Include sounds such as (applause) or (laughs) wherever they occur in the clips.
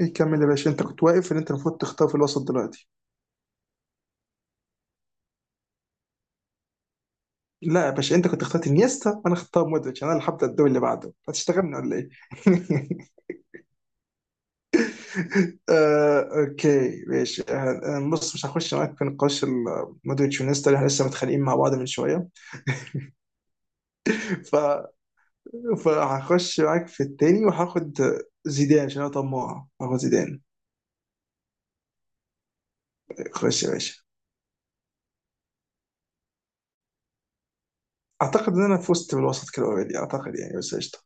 إيه، كمل يا باشا. انت كنت واقف ان انت المفروض تختار في الوسط دلوقتي. لا يا باشا، انت كنت اخترت انيستا وانا اختار مودريتش. انا اللي هبدا الدوري اللي بعده. هتشتغلنا ولا ايه؟ (laughs) آه، اوكي ماشي. بص، مش هخش معاك في نقاش مودريتش وانيستا اللي احنا لسه متخانقين مع بعض من شويه. ف... فهخش معاك في التاني وهاخد زيدان. عشان انا طماع هاخد زيدان. خش يا باشا. اعتقد ان انا فزت بالوسط كده اوريدي، اعتقد يعني، بس قشطه.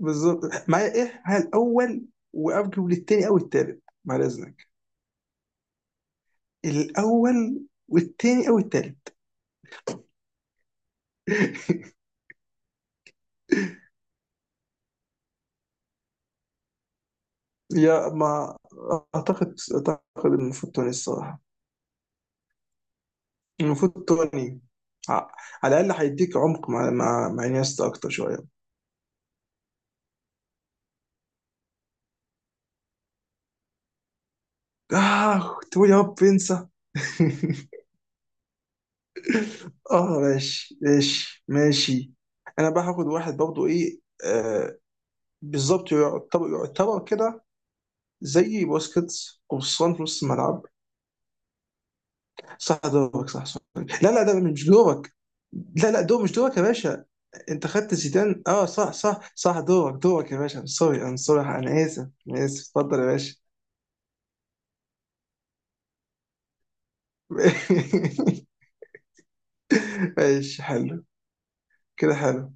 بالظبط، معايا ايه؟ معايا الاول، وارجو للتاني او التالت بعد اذنك. الاول والتاني او التالت. (laughs) يا ما، اعتقد المفروض توني الصراحه. المفروض توني. ع- على الاقل هيديك عمق مع انيستا اكتر شويه. اه، تقول يا رب انسى. (laughs) اه، ماشي ماشي ماشي. انا بقى هاخد واحد برضه، ايه، آه، بالظبط. يعتبر كده زي بوسكيتس قرصان في نص الملعب. صح، دورك، صح صح. لا لا، ده مش دورك. لا لا، دور مش دورك يا باشا. انت خدت زيدان. اه، صح صح صح، دورك دورك يا باشا. سوري، انا سوري، انا اسف، انا اسف. اتفضل يا باشا. (laughs) ماشي حلو. كده حلو.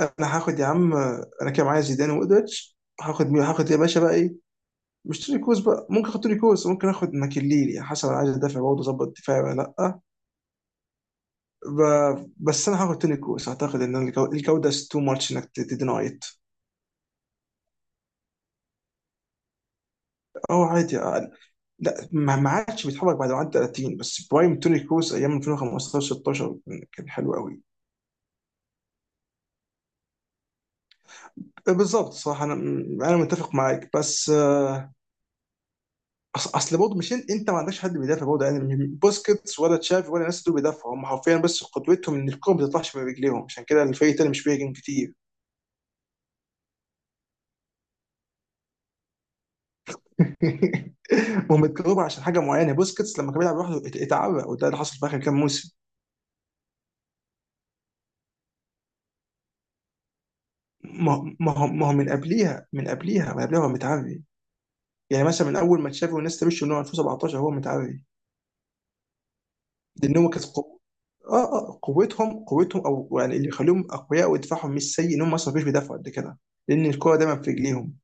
انا هاخد يا عم. انا كده معايا زيدان ومودريتش. هاخد مين؟ هاخد يا باشا بقى ايه. مش توني كوز بقى، ممكن اخد توني كوز، ممكن اخد ماكليلي. يعني حسب، انا عايز ادافع برضه، اظبط دفاعي ولا. لا، ب... بس انا هاخد توني كوز. اعتقد ان الجوده تو ماتش انك تدينايت. او عادي يعني. لا، ما عادش بيتحرك بعد ما عدى 30. بس برايم توني كروز ايام 2015 16 كان حلو قوي. بالظبط صح. انا انا متفق معاك بس. اصل برضه مش انت ما عندكش حد بيدافع برضه. يعني بوسكيتس ولا تشافي ولا الناس دول بيدافعوا، هم حرفيا بس قدوتهم ان الكوره ما بتطلعش من رجليهم. عشان كده الفريق التاني مش بيهاجم كتير. (laughs) هم اتكرهوا عشان حاجه معينه. بوسكيتس لما كان بيلعب لوحده اتعرق، وده اللي حصل في اخر كام موسم. ما هو من قبليها هو متعري. يعني مثلا من اول ما تشافي والناس تمشي، من هو 2017 هو متعري. لان هو اه قوتهم او يعني اللي يخليهم اقوياء، ودفاعهم مش سيء، ان هم اصلا مش بيدافعوا قد كده، لان الكوره دايما في رجليهم.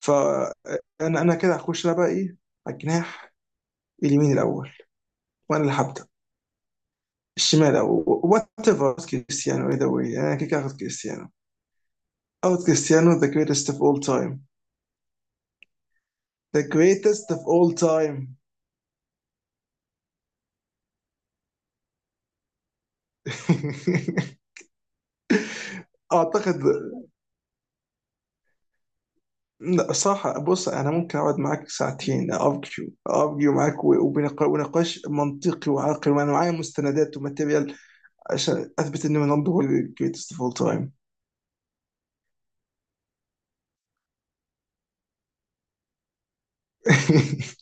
فانا انا أنا كده هخش، انا بقى ايه، على الجناح اليمين الاول. وانا اللي هبدا الشمال، او وات ايفر. كريستيانو اي ذا واي، انا كده هاخد كريستيانو. اخد كريستيانو، ذا جريتست اوف اول تايم. ذا جريتست اوف اول تايم. (laughs) اعتقد، لا صراحة، بص، أنا ممكن أقعد معاك ساعتين، أرجو معاك، ونقاش منطقي وعاقل، وأنا معايا مستندات وماتيريال عشان أثبت إن رونالدو هو ال greatest of all time. (laughs)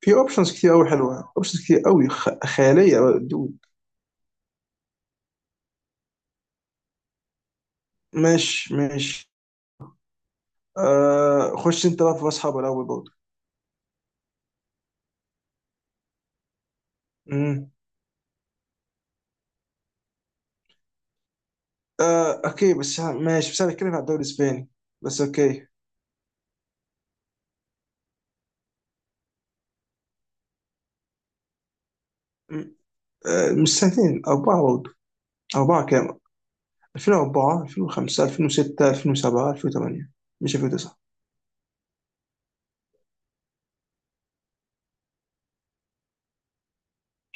في أوبشنز كتير أوي حلوة، أوبشنز كتير أوي خيالية بقى، دود. ماشي ماشي. آه، خش أنت بقى في أصحاب الأول برضه. أمم. آه أوكي بس ماشي. بس أنا بتكلم عن الدوري الإسباني بس. أوكي. أمم. آه، مش سنتين، أربعة برضه. أربعة كام؟ 2004، 2005، 2006، 2007، 2008. مش 2009؟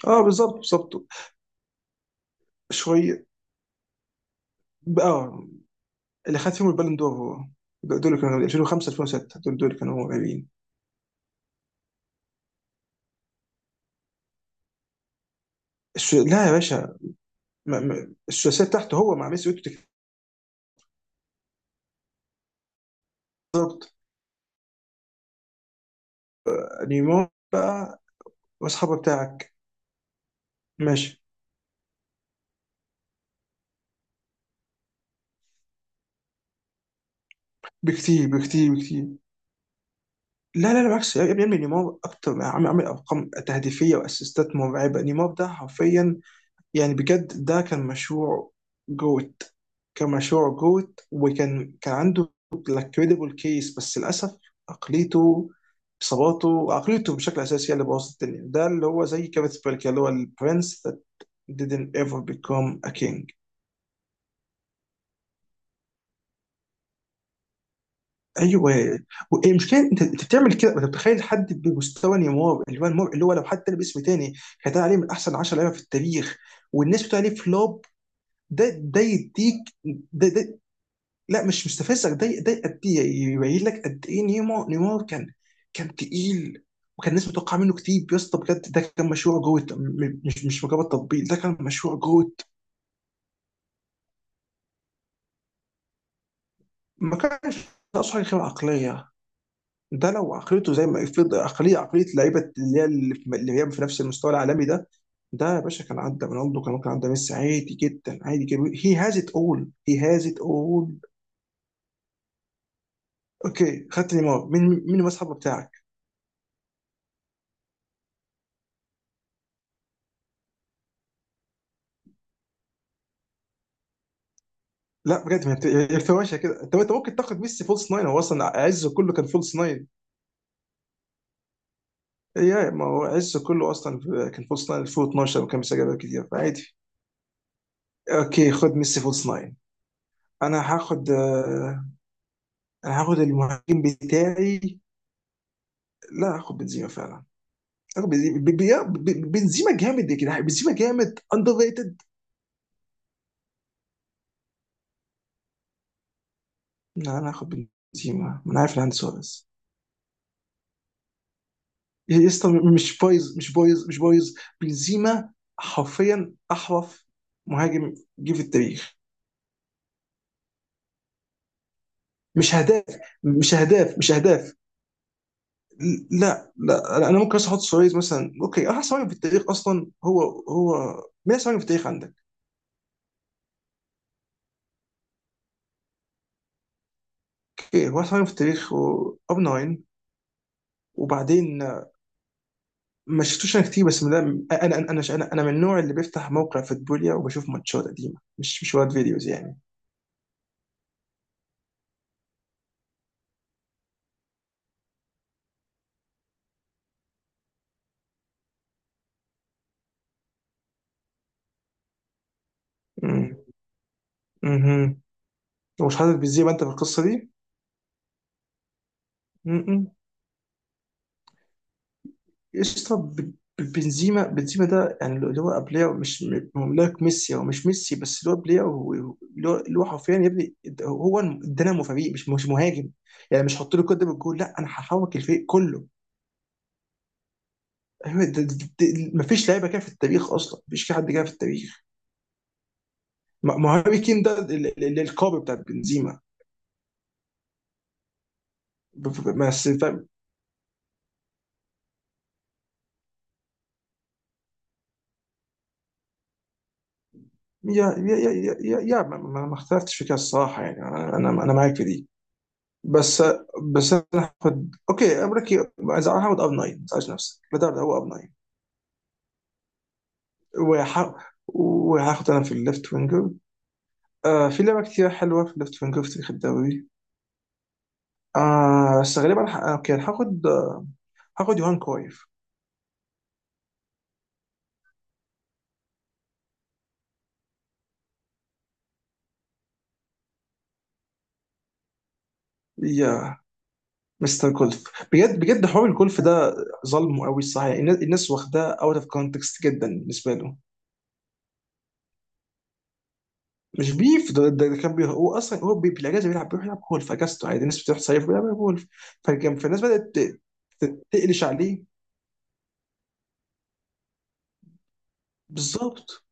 اه بالظبط بالظبط، شويه. اه، اللي خد فيهم البالون دور هو. دول اللي كانوا 2005، 2006. دول اللي كانوا مرعبين. لا يا باشا، الثلاثيه بتاعته هو مع ميسي وتوتي. نيمار بقى واصحابه بتاعك. ماشي. بكتير بكتير بكتير. لا لا لا، بالعكس يا ابني يا ابني، نيمار اكتر، عامل ارقام تهديفيه واسيستات مرعبه. نيمار ده حرفيا، يعني بجد، ده كان مشروع جوت. كان مشروع جوت، وكان عنده كريديبل كيس، بس للاسف عقليته، اصاباته، عقليته بشكل اساسي هي اللي بوظت الدنيا. ده اللي هو زي كابت بيرك، اللي هو البرنس that didn't ever become a king. ايوه، والمشكله انت بتعمل كده، انت بتخيل حد بمستوى نيمار، اللي هو نيمار اللي هو لو حد تاني باسم تاني كان عليه من احسن 10 لعيبه في التاريخ، والناس بتقول عليه فلوب. ده يديك. ده, ده لا مش مستفزك. ده قد ايه يبين لك قد ايه نيمار كان. كان تقيل. وكان الناس متوقعه منه كتير يا اسطى، بجد ده كان مشروع جوت، مش مجرد تطبيق، ده كان مشروع جوت. ما كانش ناقصه حاجه غير عقليه. ده لو عقليته زي ما يفرض عقليه لعيبه اللي هي في نفس المستوى العالمي ده، ده يا باشا كان عدى رونالدو، كان ممكن عدى ميسي، عادي جدا عادي جدا. هي هاز ات اول، هي هاز ات اول. اوكي، خدت نيمار. مين المسحب بتاعك؟ لا بجد، ما انت هي الفواشة كده. طب انت ممكن تاخد ميسي فولس ناين، هو اصلا عزه كله كان فولس ناين. يا ما، هو عزه كله اصلا كان فولس ناين 2012، وكان بيسجل أهداف كتير، فعادي. اوكي، خد ميسي فولس ناين. انا هاخد. انا هاخد المهاجم بتاعي. لا، هاخد بنزيما فعلا. هاخد بنزيما، بنزيما جامد يا جدعان. بنزيما جامد اندر ريتد. لا، انا هاخد بنزيما. ما انا عارف ان عندي سواريز. إيه يا اسطى، مش بايظ مش بايظ مش بايظ. بنزيما حرفيا احرف مهاجم جه في التاريخ. مش هداف مش هداف مش هداف. لا لا، انا أنا ممكن بس احط سواريز مثلا. اوكي، احسن مهاجم في التاريخ اصلا هو. هو، مين احسن مهاجم في التاريخ عندك؟ اوكي، هو احسن مهاجم في التاريخ. اب 9. وبعدين. ما شفتوش انا كتير بس من ده. انا انا انا انا أنا من النوع اللي بيفتح موقع فوتبوليا وبشوف ماتشات قديمه، مش وقت فيديوز يعني. امم. ومش حاطط بنزيما انت في القصه دي. م- م. قشطه. بنزيما بنزيما ده, يعني اللي هو بلاير، مش م- هو لايك ميسي، هو مش ميسي، بس اللي هو بلاير اللي هو حرفيا يا ابني. هو دينامو فريق، مش مهاجم. يعني مش هحط له كده بالجول، لا انا هحرك الفريق كله. ايوه، مفيش لعيبه كده في التاريخ اصلا، مفيش في حد كده في التاريخ. ما هاري كين ده القاب بتاع بنزيما. بس فاهم؟ يا ما, ما اختلفتش في كده الصراحه، يعني انا انا أنا معاك في دي. بس، بس انا هاخد. اوكي، امريكي عايز، هاخد اب 9، ما تزعلش نفسك. لا ده، هو اب 9. وهاخد انا في الليفت وينجر. آه في لعبه كتير حلوه في الليفت وينجر في تاريخ الدوري. آه بس غالبا، اوكي هاخد. هاخد يوهان كرويف. يا مستر كولف، بجد بجد حوار الكولف ده ظلمه قوي الصراحه. يعني الناس واخداه اوت اوف كونتكست جدا بالنسبه له. مش بيف، ده كان بيه. هو اصلا هو بالاجازه بيلعب، بيروح يلعب جولف في اجازته عادي. الناس بتروح تصيف، بيلعب جولف. فكان، فالناس بدات تقلش عليه. بالظبط.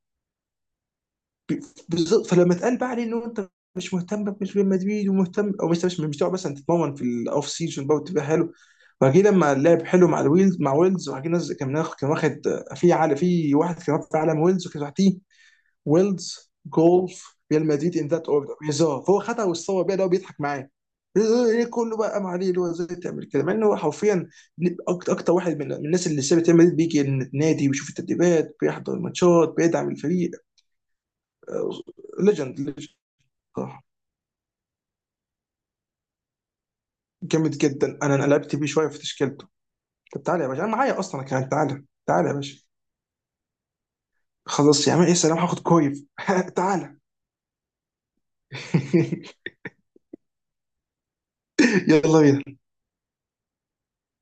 ب- بالظبط. فلما اتقال بقى عليه انه انت مش مهتم بقى، مش ريال مدريد ومهتم، او مش مش مش تقعد مثلا تتمرن في الاوف سيزون بقى وتبقى حلو. وبعدين لما لعب حلو مع الويلز مع ويلز، وبعدين كان واخد في عالم، في واحد كان واخد في عالم ويلز وكان تحتيه. ويلز، جولف، ريال مدريد، ان ذات اوردر هزار، فهو خدها واتصور بيها. ده هو بيضحك معاه. ايه كله بقى قام عليه، اللي هو ازاي تعمل كده مع انه هو حرفيا اكتر واحد من الناس اللي سابت ريال مدريد، بيجي النادي، بيشوف التدريبات، بيحضر الماتشات، بيدعم الفريق. ليجند. صح. جامد جدا، انا لعبت بيه شويه في تشكيلته. طب تعالى يا باشا، انا معايا اصلا كمان، تعالى تعالى يا باشا. خلاص يا عم، ايه، سلام، هاخد كويف. (laughs) تعالى. (laughs) يلا بينا.